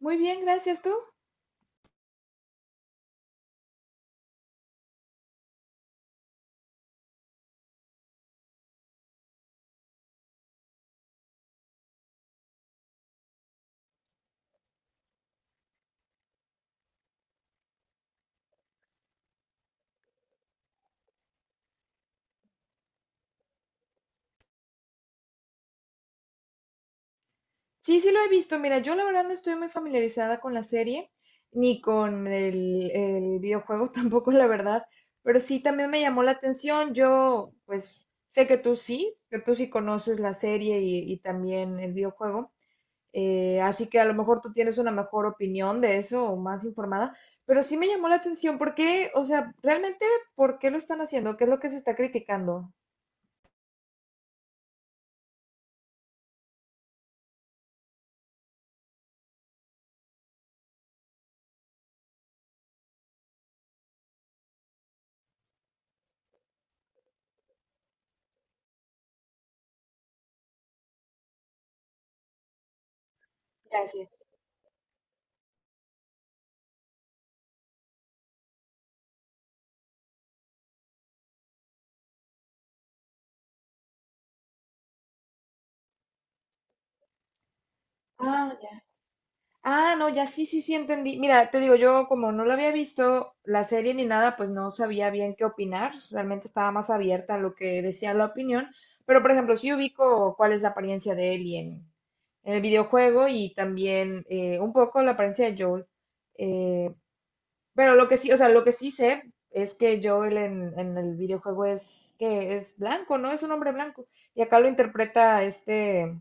Muy bien, gracias tú. Sí, sí lo he visto. Mira, yo la verdad no estoy muy familiarizada con la serie, ni con el videojuego tampoco, la verdad, pero sí también me llamó la atención. Yo, pues, sé que tú sí conoces la serie y también el videojuego, así que a lo mejor tú tienes una mejor opinión de eso o más informada, pero sí me llamó la atención. ¿Por qué? O sea, realmente, ¿por qué lo están haciendo? ¿Qué es lo que se está criticando? Gracias. Ah, ya. Ah, no, ya, sí, sí, sí entendí. Mira, te digo, yo como no lo había visto la serie ni nada, pues no sabía bien qué opinar. Realmente estaba más abierta a lo que decía la opinión. Pero, por ejemplo, sí ubico cuál es la apariencia de Ellie en el videojuego y también un poco la apariencia de Joel. Eh, pero lo que sí, o sea, lo que sí sé es que Joel en el videojuego es que es blanco, ¿no? Es un hombre blanco. Y acá lo interpreta este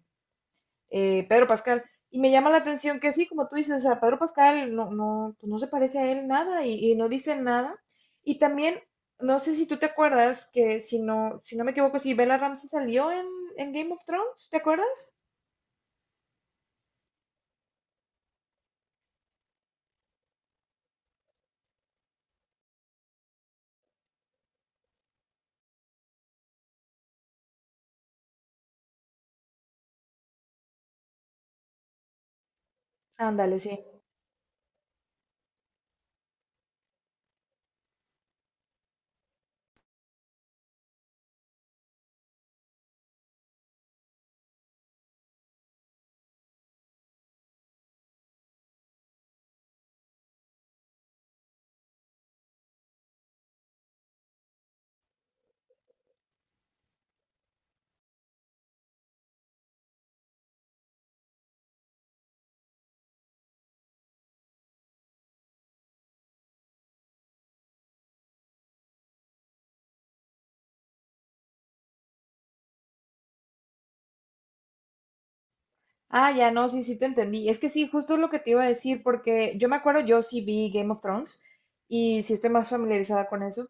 eh, Pedro Pascal. Y me llama la atención que sí, como tú dices, o sea, Pedro Pascal no, no, pues no se parece a él nada y, y no dice nada. Y también, no sé si tú te acuerdas que si no, si no me equivoco, si Bella Ramsey salió en Game of Thrones, ¿te acuerdas? Ándale, sí. Ah, ya no, sí, sí te entendí. Es que sí, justo lo que te iba a decir, porque yo me acuerdo, yo sí vi Game of Thrones y sí estoy más familiarizada con eso.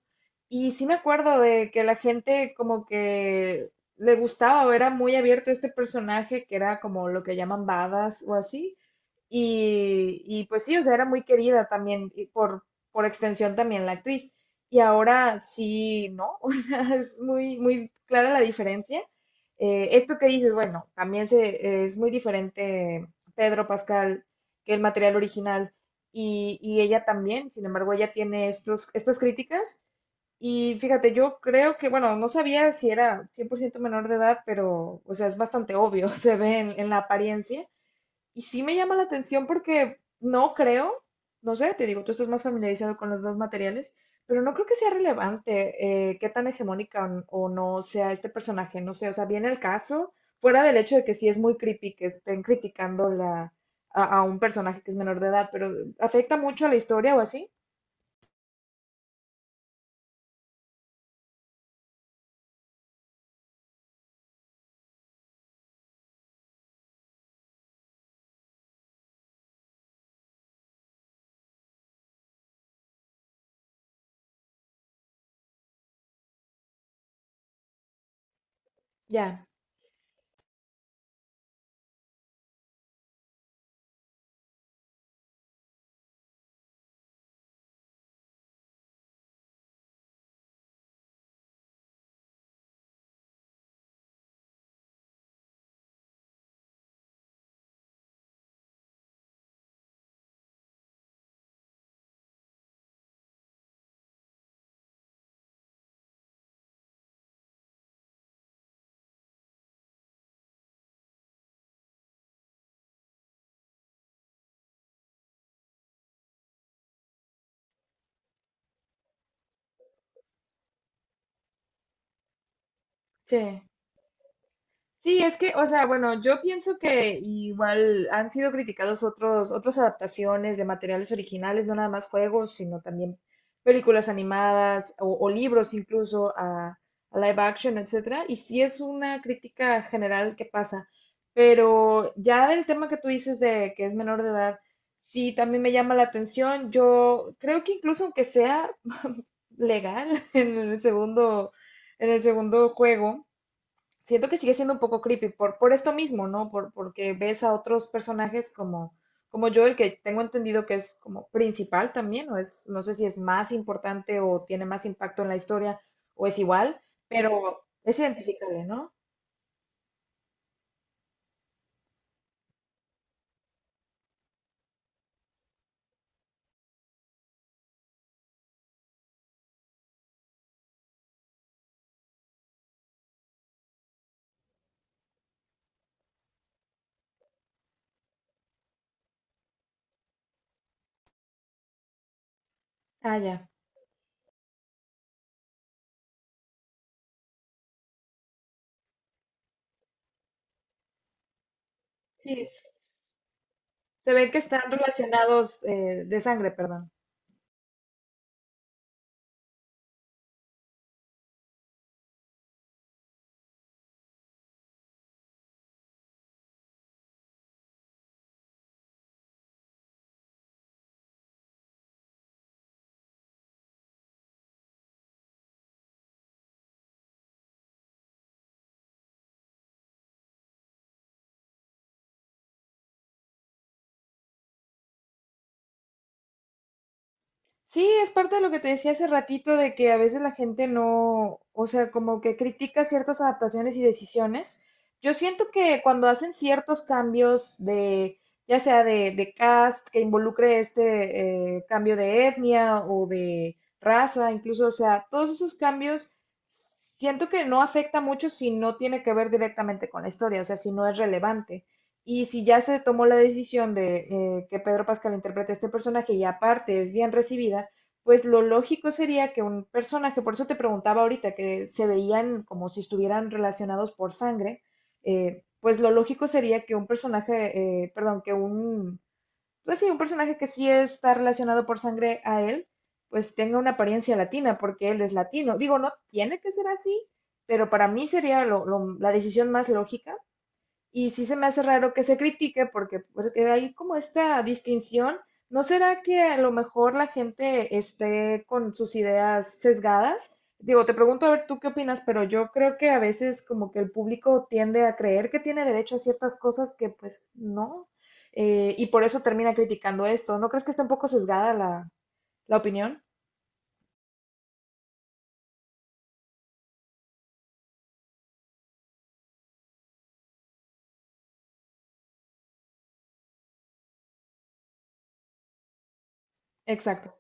Y sí me acuerdo de que la gente como que le gustaba o era muy abierta a este personaje que era como lo que llaman badas o así. Pues sí, o sea, era muy querida también, y por extensión también la actriz. Y ahora sí, ¿no? O sea, es muy, muy clara la diferencia. Esto que dices, bueno, también se, es muy diferente Pedro Pascal que el material original y ella también, sin embargo, ella tiene estos, estas críticas. Y fíjate, yo creo que, bueno, no sabía si era 100% menor de edad, pero, o sea, es bastante obvio, se ve en la apariencia. Y sí me llama la atención porque no creo, no sé, te digo, tú estás más familiarizado con los dos materiales, pero no creo que sea relevante qué tan hegemónica o o no sea este personaje, no sé, o sea, viene el caso, fuera del hecho de que sí es muy creepy que estén criticando la, a un personaje que es menor de edad, pero ¿afecta mucho a la historia o así? Ya, sí. Sí, es que, o sea, bueno, yo pienso que igual han sido criticados otros, otras adaptaciones de materiales originales, no nada más juegos, sino también películas animadas o libros incluso a live action, etcétera. Y sí es una crítica general que pasa. Pero ya del tema que tú dices de que es menor de edad, sí también me llama la atención. Yo creo que incluso aunque sea legal en el segundo, en el segundo juego siento que sigue siendo un poco creepy por esto mismo, ¿no? Por, porque ves a otros personajes como, como Joel, que tengo entendido que es como principal también, o es, no sé si es más importante o tiene más impacto en la historia, o es igual, pero es identificable, ¿no? Ah, ya. Sí, se ve que están relacionados de sangre, perdón. Sí, es parte de lo que te decía hace ratito de que a veces la gente no, o sea, como que critica ciertas adaptaciones y decisiones. Yo siento que cuando hacen ciertos cambios de, ya sea de cast, que involucre cambio de etnia o de raza, incluso, o sea, todos esos cambios, siento que no afecta mucho si no tiene que ver directamente con la historia, o sea, si no es relevante. Y si ya se tomó la decisión de que Pedro Pascal interprete a este personaje y aparte es bien recibida, pues lo lógico sería que un personaje, por eso te preguntaba ahorita, que se veían como si estuvieran relacionados por sangre, pues lo lógico sería que un personaje, perdón, que un, pues sí, un personaje que sí está relacionado por sangre a él, pues tenga una apariencia latina, porque él es latino. Digo, no tiene que ser así, pero para mí sería la decisión más lógica y sí se me hace raro que se critique porque, porque hay como esta distinción. ¿No será que a lo mejor la gente esté con sus ideas sesgadas? Digo, te pregunto a ver tú qué opinas, pero yo creo que a veces como que el público tiende a creer que tiene derecho a ciertas cosas que pues no, y por eso termina criticando esto. ¿No crees que está un poco sesgada la, la opinión? Exacto.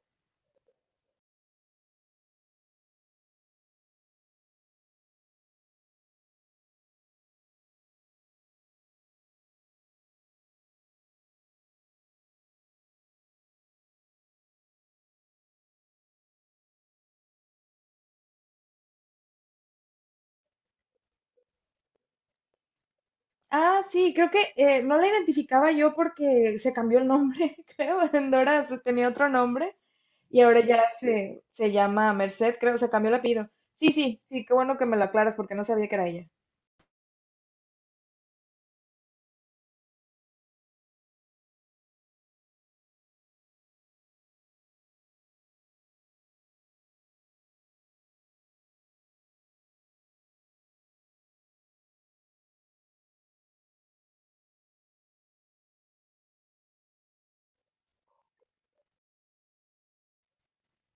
Ah, sí, creo que no la identificaba yo porque se cambió el nombre, creo. Endora tenía otro nombre y ahora ya se llama Merced, creo, se cambió el apellido. Sí, sí, sí, qué bueno que me lo aclaras porque no sabía que era ella.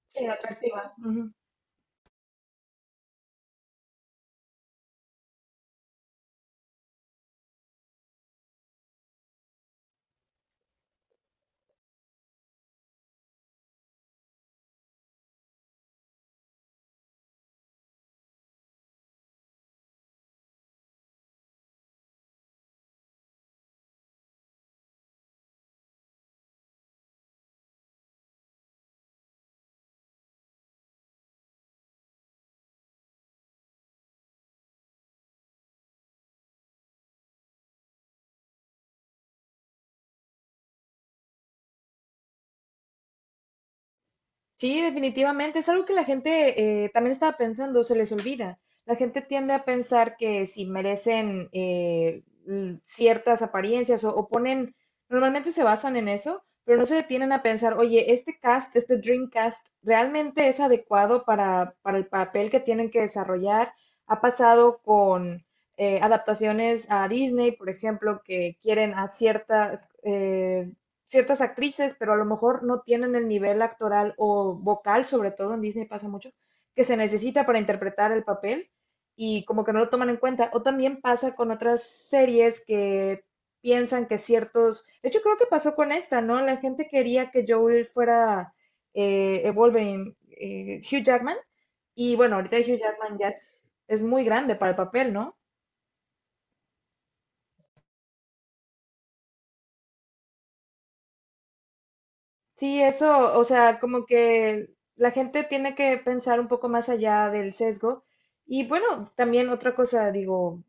Sí, atractiva. Ujú. Sí, definitivamente. Es algo que la gente también estaba pensando, se les olvida. La gente tiende a pensar que si merecen ciertas apariencias o ponen, normalmente se basan en eso, pero no se detienen a pensar, oye, este cast, este dream cast, ¿realmente es adecuado para el papel que tienen que desarrollar? Ha pasado con adaptaciones a Disney, por ejemplo, que quieren a ciertas ciertas actrices, pero a lo mejor no tienen el nivel actoral o vocal, sobre todo en Disney pasa mucho, que se necesita para interpretar el papel y como que no lo toman en cuenta. O también pasa con otras series que piensan que ciertos, de hecho creo que pasó con esta, ¿no? La gente quería que Joel fuera Wolverine, Hugh Jackman, y bueno, ahorita Hugh Jackman ya es muy grande para el papel, ¿no? Sí, eso, o sea, como que la gente tiene que pensar un poco más allá del sesgo. Y bueno, también otra cosa, digo,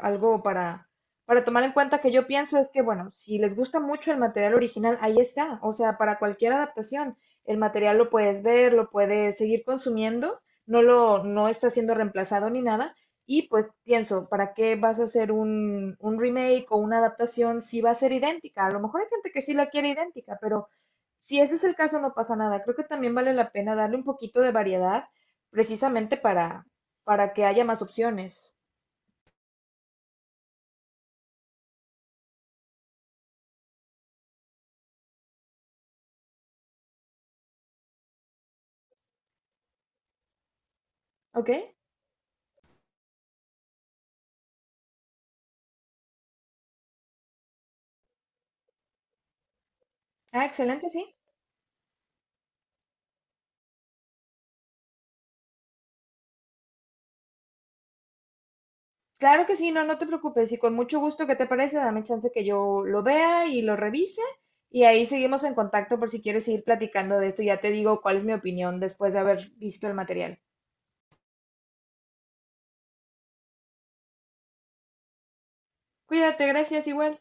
algo para tomar en cuenta que yo pienso es que, bueno, si les gusta mucho el material original, ahí está. O sea, para cualquier adaptación, el material lo puedes ver, lo puedes seguir consumiendo, no lo, no está siendo reemplazado ni nada. Y pues pienso, ¿para qué vas a hacer un remake o una adaptación si va a ser idéntica? A lo mejor hay gente que sí la quiere idéntica, pero si ese es el caso, no pasa nada. Creo que también vale la pena darle un poquito de variedad precisamente para que haya más opciones. ¿Ok? Ah, excelente, sí. Claro que sí, no, no te preocupes. Y con mucho gusto, ¿qué te parece? Dame chance que yo lo vea y lo revise. Y ahí seguimos en contacto por si quieres seguir platicando de esto. Ya te digo cuál es mi opinión después de haber visto el material. Cuídate, gracias, igual.